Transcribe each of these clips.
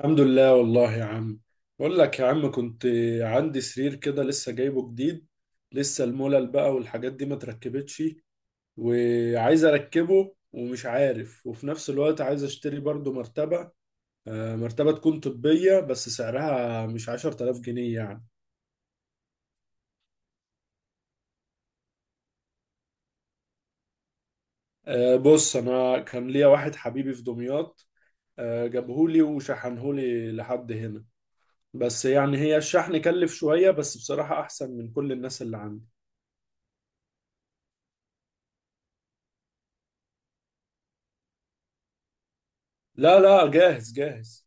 الحمد لله والله يا عم. بقول لك يا عم كنت عندي سرير كده لسه جايبه جديد. لسه الملل بقى والحاجات دي ما تركبتش. وعايز اركبه ومش عارف، وفي نفس الوقت عايز اشتري برضو مرتبة. مرتبة تكون طبية بس سعرها مش 10,000 جنيه يعني. بص انا كان ليا واحد حبيبي في دمياط. جابهولي وشحنهولي لحد هنا. بس يعني هي الشحن كلف شوية، بس بصراحة احسن من كل الناس اللي عندي. لا لا، جاهز جاهز.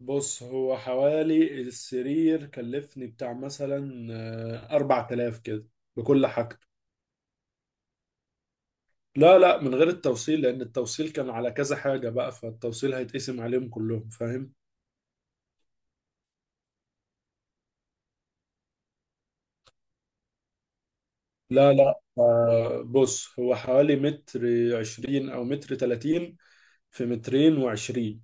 بص هو حوالي السرير كلفني بتاع مثلا 4000 كده، بكل حاجته. لا لا، من غير التوصيل، لأن التوصيل كان على كذا حاجة بقى، فالتوصيل هيتقسم عليهم كلهم، فاهم؟ لا لا، بص هو حوالي متر عشرين أو متر تلاتين، في مترين وعشرين.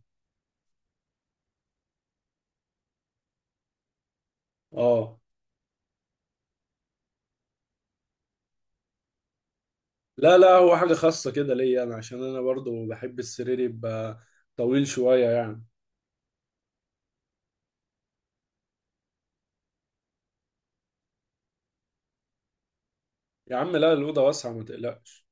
اه. لا لا، هو حاجة خاصة كده ليا أنا، عشان أنا برضو بحب السرير يبقى طويل شوية يعني. يا عم لا، الأوضة واسعة، ما تقلقش.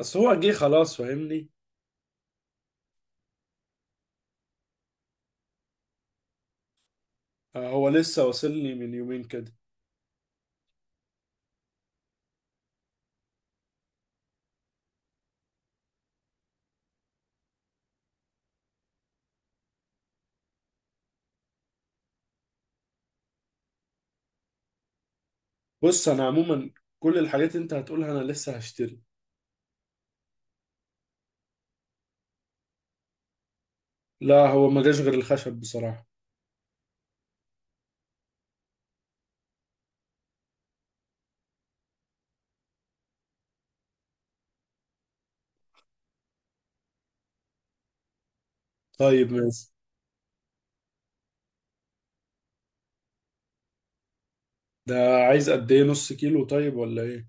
اصل هو جه خلاص، فاهمني؟ هو لسه واصل لي من يومين كده. بص انا عموما كل الحاجات اللي انت هتقولها انا لسه هشتري. لا، هو ما جاش غير الخشب بصراحة. طيب ماشي. ده عايز قد ايه؟ نص كيلو طيب ولا ايه؟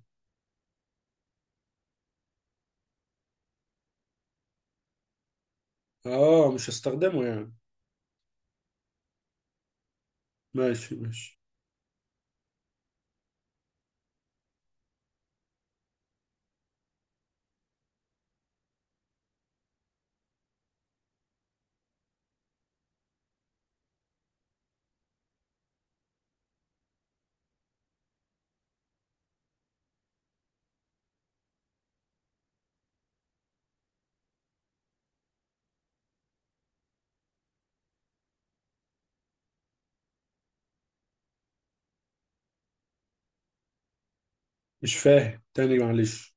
اه، مش هستخدمه يعني. ماشي ماشي. مش فاهم تاني، معلش.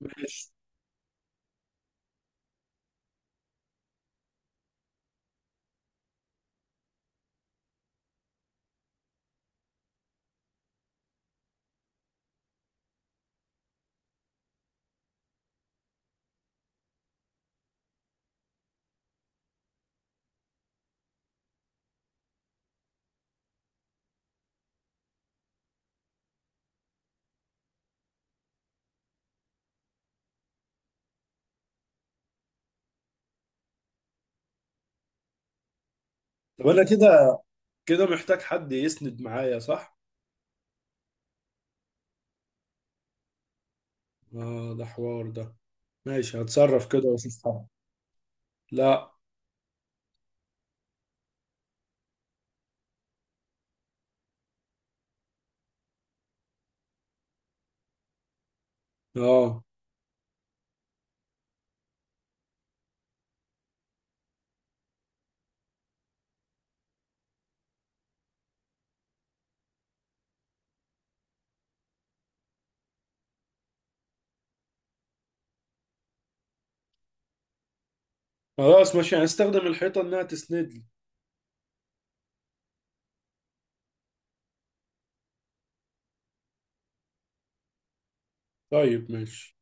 ماشي. طب انا كده كده محتاج حد يسند معايا، صح؟ اه، ده حوار ده. ماشي، هتصرف كده واشوف حاجة. لا. اه، خلاص ماشي، هستخدم الحيطة انها تسند لي. طيب ماشي.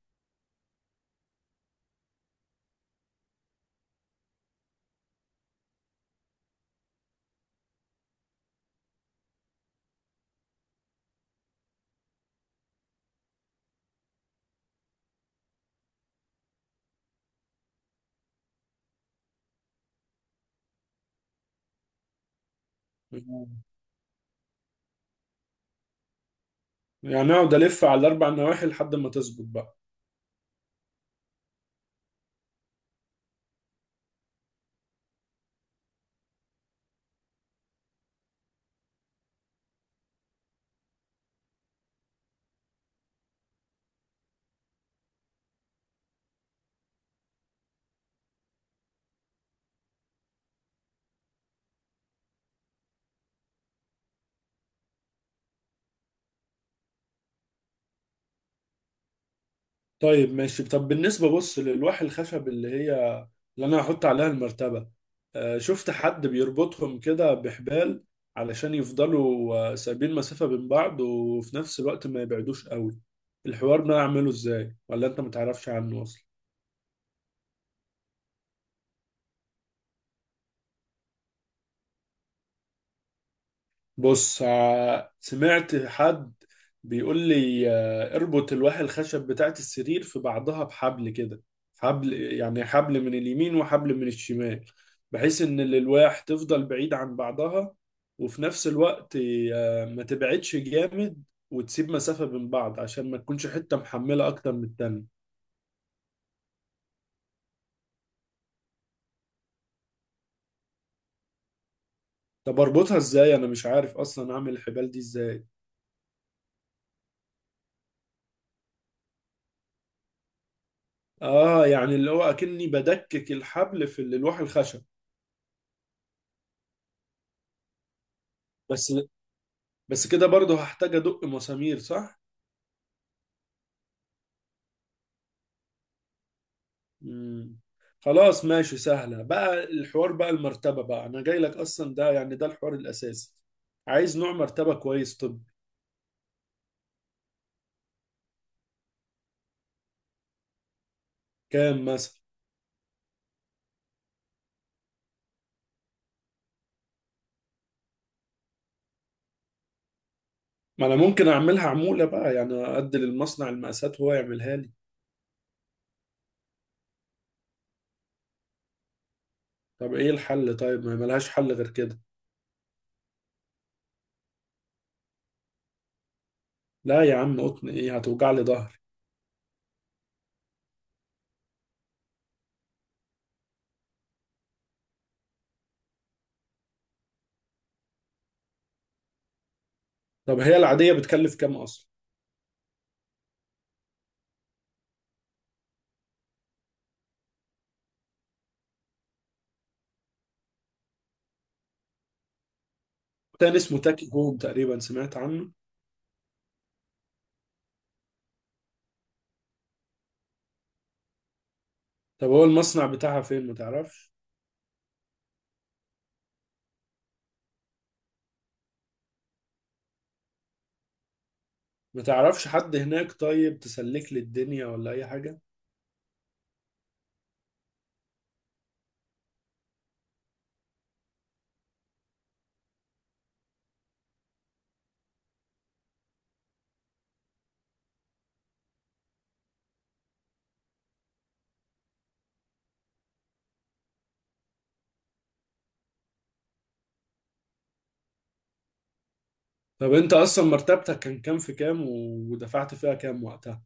آه. يعني اقعد الف على الاربع نواحي لحد ما تظبط بقى. طيب ماشي. طب بالنسبه، بص، للوح الخشب اللي هي اللي انا هحط عليها المرتبه. شفت حد بيربطهم كده بحبال علشان يفضلوا سايبين مسافه بين بعض، وفي نفس الوقت ما يبعدوش قوي. الحوار ده اعمله ازاي، ولا انت متعرفش عنه اصلا؟ بص، سمعت حد بيقول لي اربط الواح الخشب بتاعت السرير في بعضها بحبل كده. حبل يعني حبل من اليمين وحبل من الشمال. بحيث ان الالواح تفضل بعيد عن بعضها، وفي نفس الوقت ما تبعدش جامد، وتسيب مسافة بين بعض عشان ما تكونش حتة محملة اكتر من التانية. طب اربطها ازاي؟ انا مش عارف اصلا اعمل الحبال دي ازاي. اه، يعني اللي هو اكني بدكك الحبل في الواح الخشب. بس بس كده برضه هحتاج ادق مسامير، صح؟ مم. خلاص ماشي، سهلة بقى الحوار. بقى المرتبة بقى، انا جاي لك اصلا، ده يعني ده الحوار الاساسي. عايز نوع مرتبة كويس. طب كام مثلا؟ ما انا ممكن اعملها عمولة بقى، يعني ادي للمصنع المقاسات وهو يعملها لي. طب ايه الحل طيب؟ ما ملهاش حل غير كده؟ لا يا عم، قطن ايه؟ هتوجع لي ظهري. طب هي العادية بتكلف كام اصلا؟ تاني اسمه تاكي هوم، تقريبا سمعت عنه. طب هو المصنع بتاعها فين؟ ما تعرفش؟ ما تعرفش حد هناك طيب؟ تسلك لي الدنيا ولا اي حاجة؟ طب انت اصلا مرتبتك كان كام في كام، ودفعت فيها كام وقتها؟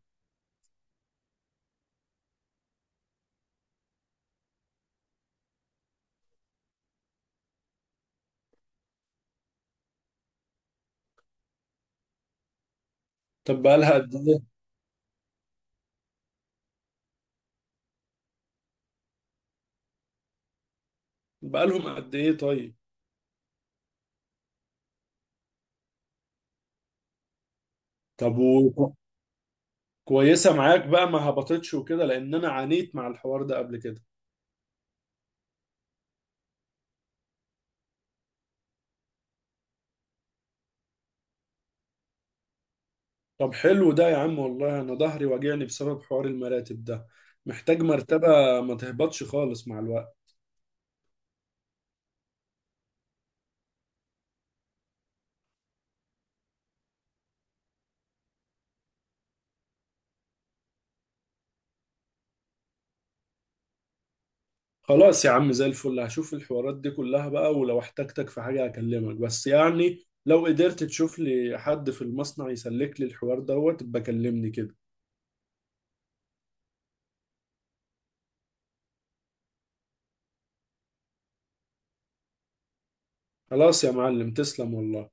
طب بقالها قد ايه؟ بقالهم قد ايه طيب؟ طب، وكويسة معاك بقى؟ ما هبطتش وكده؟ لان انا عانيت مع الحوار ده قبل كده. طب حلو ده يا عم والله، انا ظهري واجعني بسبب حوار المراتب ده. محتاج مرتبة ما تهبطش خالص مع الوقت. خلاص يا عم زي الفل، هشوف الحوارات دي كلها بقى، ولو احتجتك في حاجة هكلمك، بس يعني لو قدرت تشوف لي حد في المصنع يسلك لي الحوار دوت بكلمني كده. خلاص يا معلم، تسلم والله.